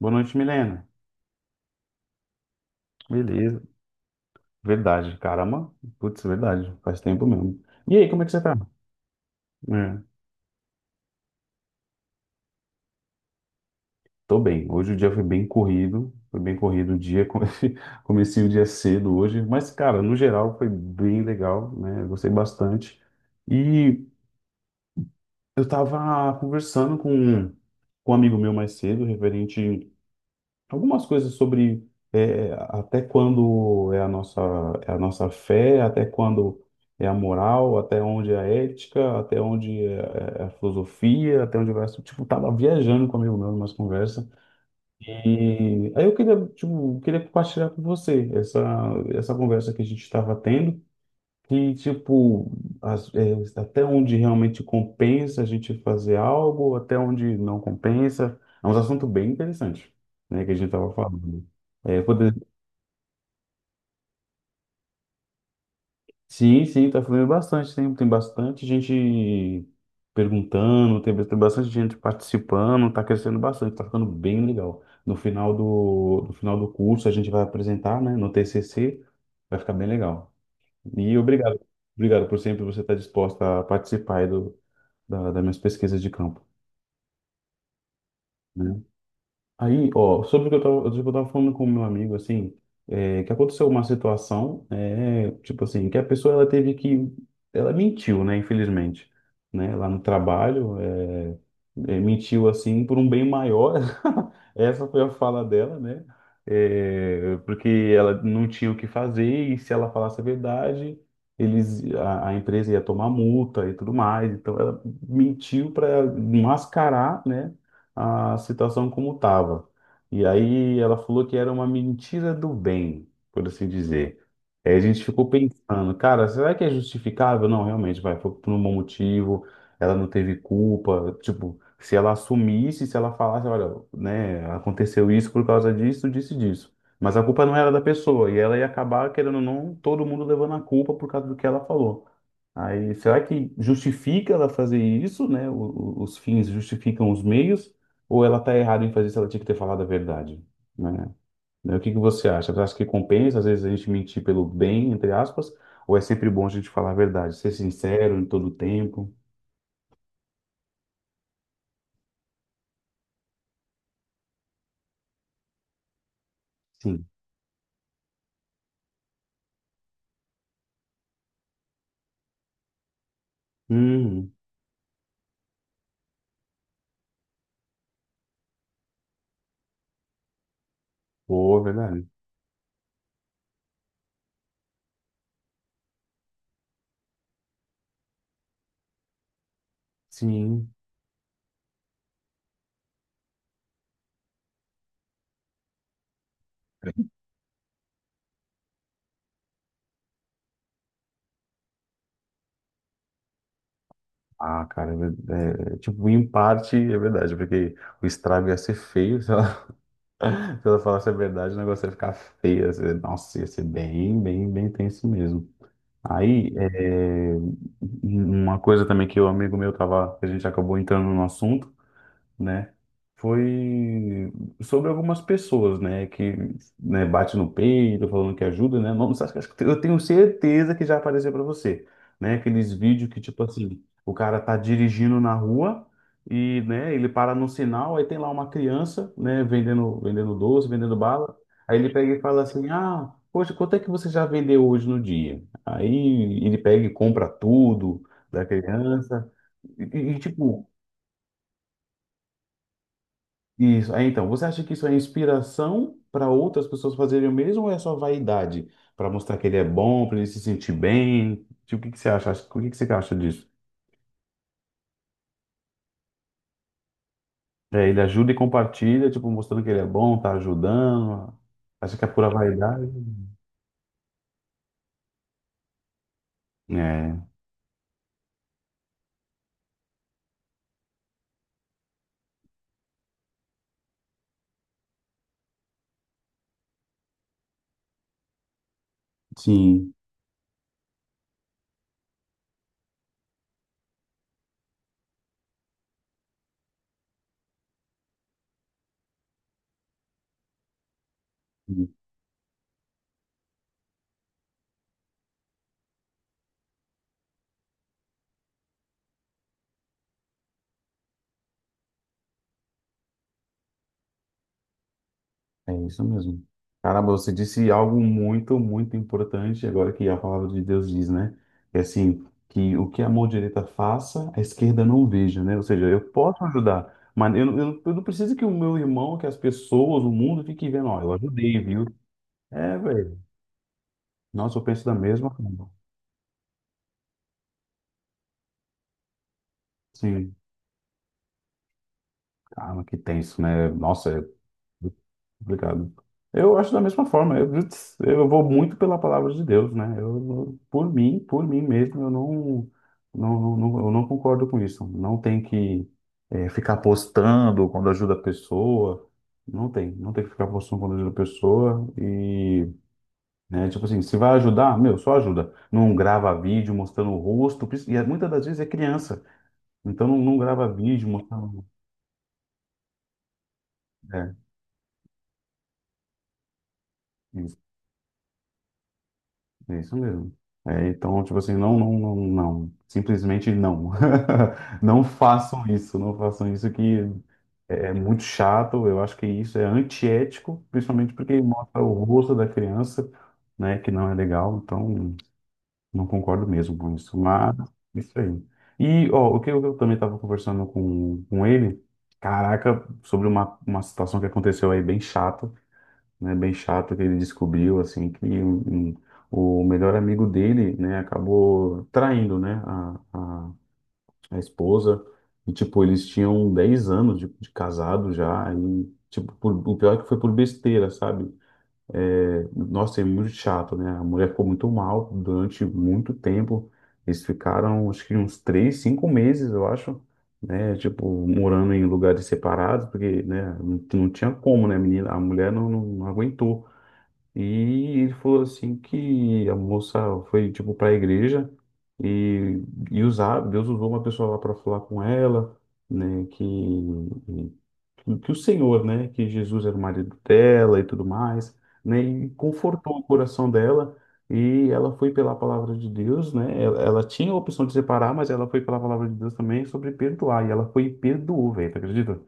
Boa noite, Milena. Beleza. Verdade, caramba. Putz, verdade. Faz tempo mesmo. E aí, como é que você tá? É, tô bem. Hoje o dia foi bem corrido. Foi bem corrido o dia. Comecei o dia cedo hoje. Mas, cara, no geral foi bem legal, né? Eu gostei bastante. E eu tava conversando com um amigo meu mais cedo, referente algumas coisas sobre até quando é a nossa, fé, até quando é a moral, até onde é a ética, até onde é a filosofia, até onde vai. Tipo, tava viajando com um amigo meu numa conversa. E aí eu tipo, queria compartilhar com você essa conversa que a gente estava tendo que, tipo, as- é, até onde realmente compensa a gente fazer algo, até onde não compensa. É um assunto bem interessante, né, que a gente estava falando. É, poder. Sim, sim, está falando bastante, tem bastante gente perguntando, tem bastante gente participando, está crescendo bastante, está ficando bem legal. No final do curso a gente vai apresentar, né, no TCC, vai ficar bem legal. E obrigado por sempre você estar disposta a participar aí das minhas pesquisas de campo, né? Aí, ó, sobre o que eu tava, sobre o que eu tava falando com o meu amigo, assim, que aconteceu uma situação, tipo assim, que a pessoa, ela mentiu, né, infelizmente, né, lá no trabalho, mentiu, assim, por um bem maior, essa foi a fala dela, né, porque ela não tinha o que fazer e se ela falasse a verdade, a empresa ia tomar multa e tudo mais, então ela mentiu para mascarar, né, a situação como estava. E aí ela falou que era uma mentira do bem, por assim dizer. Aí a gente ficou pensando, cara, será que é justificável? Não, realmente, vai, foi por um bom motivo, ela não teve culpa. Tipo, se ela assumisse, se ela falasse, olha, né, aconteceu isso por causa disso, disso e disso. Mas a culpa não era da pessoa, e ela ia acabar, querendo ou não, todo mundo levando a culpa por causa do que ela falou. Aí, será que justifica ela fazer isso, né? Os fins justificam os meios, ou ela está errada em fazer isso, ela tinha que ter falado a verdade, né? Né, o que que você acha? Você acha que compensa, às vezes, a gente mentir pelo bem, entre aspas, ou é sempre bom a gente falar a verdade, ser sincero em todo o tempo? Sim. Hum, boa, verdade. Sim. Ah, cara, tipo, em parte é verdade, porque o estrago ia ser feio. Se eu falasse a verdade, o negócio ia ficar feio. Nossa, ia ser bem, bem, bem tenso mesmo. Aí, uma coisa também que o amigo meu tava, que a gente acabou entrando no assunto, né? Foi sobre algumas pessoas, né? Que né, bate no peito, falando que ajuda, né? Não, acho que eu tenho certeza que já apareceu para você, né? Aqueles vídeos que, tipo assim, o cara tá dirigindo na rua e, né, ele para no sinal, aí tem lá uma criança, né, vendendo doce, vendendo bala. Aí ele pega e fala assim: Ah, poxa, quanto é que você já vendeu hoje no dia? Aí ele pega e compra tudo da criança. Tipo, isso. Aí, então, você acha que isso é inspiração para outras pessoas fazerem o mesmo ou é só vaidade? Para mostrar que ele é bom, para ele se sentir bem? Tipo, o que que você acha? O que que você acha disso? É, ele ajuda e compartilha, tipo, mostrando que ele é bom, tá ajudando. Acha que é pura vaidade? É, sim. É isso mesmo. Caramba, você disse algo muito, muito importante agora que a palavra de Deus diz, né? É assim, que o que a mão direita faça, a esquerda não veja, né? Ou seja, eu posso ajudar, mas eu não preciso que o meu irmão, que as pessoas, o mundo fiquem vendo, ó, eu ajudei, viu? É, velho. Nossa, eu penso da mesma forma. Sim, caramba, que tenso, né? Nossa, é complicado. Eu acho da mesma forma. Eu, putz, eu vou muito pela palavra de Deus, né? Eu, por mim mesmo, eu não concordo com isso. Não tem que ficar postando quando ajuda a pessoa. Não tem que ficar postando quando ajuda a pessoa. E, né, tipo assim, se vai ajudar, meu, só ajuda. Não grava vídeo mostrando o rosto. Muitas das vezes é criança. Então não, não grava vídeo mostrando. É. É isso mesmo. É, então, tipo assim, não, não, não, não. Simplesmente não. Não façam isso, não façam isso que é muito chato. Eu acho que isso é antiético, principalmente porque mostra o rosto da criança, né, que não é legal. Então, não concordo mesmo com isso. Mas, isso aí. E, ó, o que eu também estava conversando com ele, caraca, sobre uma situação que aconteceu aí bem chata, né, bem chato que ele descobriu assim que o melhor amigo dele, né, acabou traindo, né, a esposa e tipo eles tinham 10 anos de casado já e tipo por, o pior é que foi por besteira, sabe? É, nossa, é muito chato, né? A mulher ficou muito mal durante muito tempo. Eles ficaram acho que uns 3 5 meses, eu acho. Né, tipo, morando em lugares separados, porque, né, não, não tinha como, né, menina, a mulher não aguentou. E ele falou assim que a moça foi tipo para a igreja e, e Deus usou uma pessoa lá para falar com ela, né, que que o Senhor, né, que Jesus era o marido dela e tudo mais, né, e confortou o coração dela e ela foi pela palavra de Deus, né? Ela tinha a opção de separar, mas ela foi pela palavra de Deus também sobre perdoar e ela foi e perdoou, velho, tu acredita?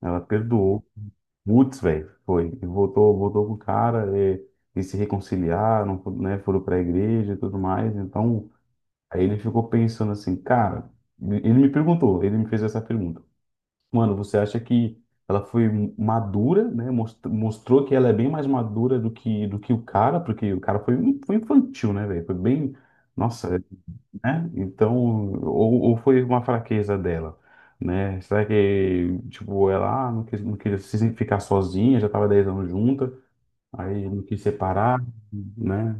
Ela perdoou. Putz, velho, foi. E voltou com o cara e se reconciliaram, né? Foram pra igreja e tudo mais. Então, aí ele ficou pensando assim, cara, ele me perguntou, ele me fez essa pergunta. Mano, você acha que ela foi madura, né? Mostrou que ela é bem mais madura do que o cara, porque o cara foi infantil, né, velho? Foi bem. Nossa, né? Então, ou foi uma fraqueza dela, né? Será que, tipo, ela ah, não quis ficar sozinha, já estava 10 anos junta, aí não quis separar, né?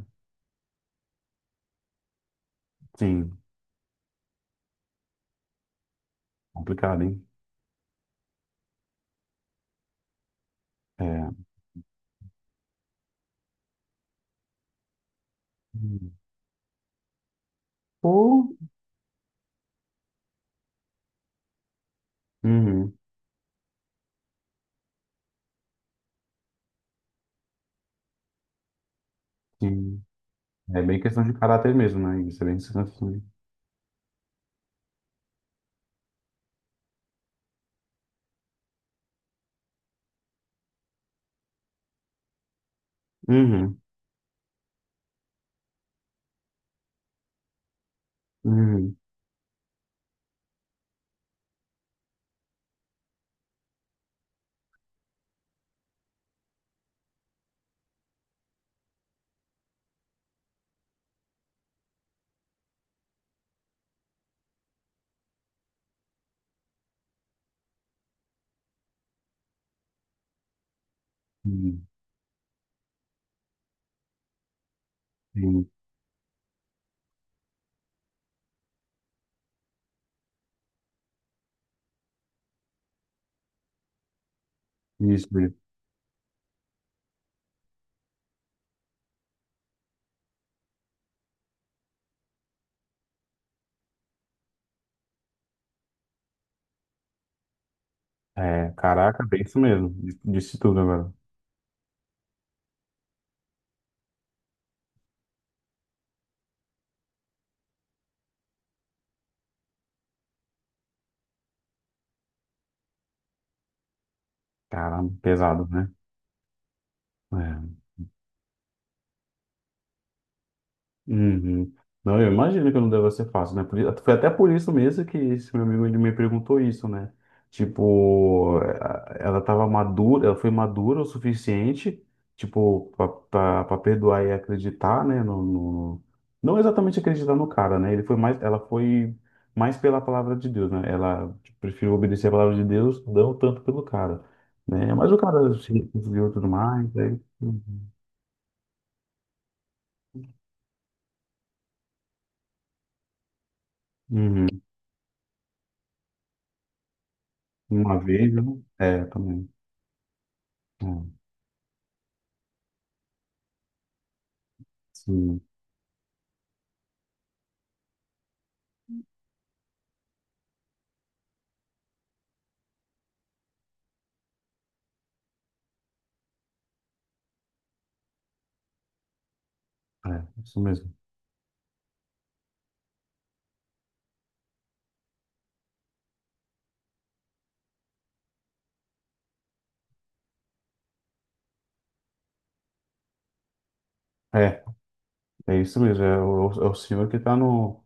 Sim, complicado, hein? É. Ou. Uhum, sim. É bem questão de caráter mesmo, né? Isso é bem questão de. Uhum, uhum, uhum, sim. Isso, mesmo. É, caraca, bem isso mesmo. Disse tudo agora. Caramba, pesado, né? É. Uhum. Não, eu imagino que não deva ser fácil, né? Por, i- foi até por isso mesmo que esse meu amigo ele me perguntou isso, né? Tipo, eh, ela estava madura, ela foi madura o suficiente, tipo, para perdoar e acreditar, né? Não exatamente acreditar no cara, né? Ele foi mais, ela foi mais pela palavra de Deus, né? Ela tipo, preferiu obedecer a palavra de Deus, não tanto pelo cara, né? Mas o cara se conseguiu tudo mais, aí, uhum. Uhum. Uma vez, né? É, também. É. Sim, é isso mesmo. É, é isso mesmo. É o senhor que está no,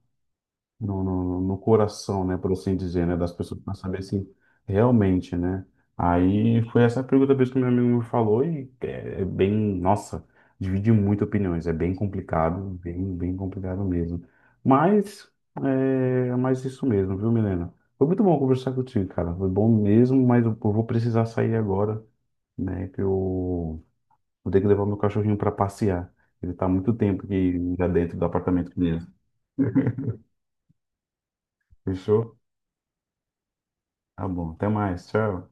no, no, no coração, né, por assim dizer, né, das pessoas para saber se realmente, né. Aí foi essa a pergunta mesmo que meu amigo me falou e é, é bem, nossa, divide muito opiniões. É bem complicado, bem, bem complicado mesmo. Mas é mais isso mesmo, viu, Milena? Foi muito bom conversar contigo, cara. Foi bom mesmo, mas eu vou precisar sair agora, né, que eu vou ter que levar meu cachorrinho para passear. Ele tá há muito tempo aqui já dentro do apartamento comigo. Fechou? Tá bom. Até mais. Tchau.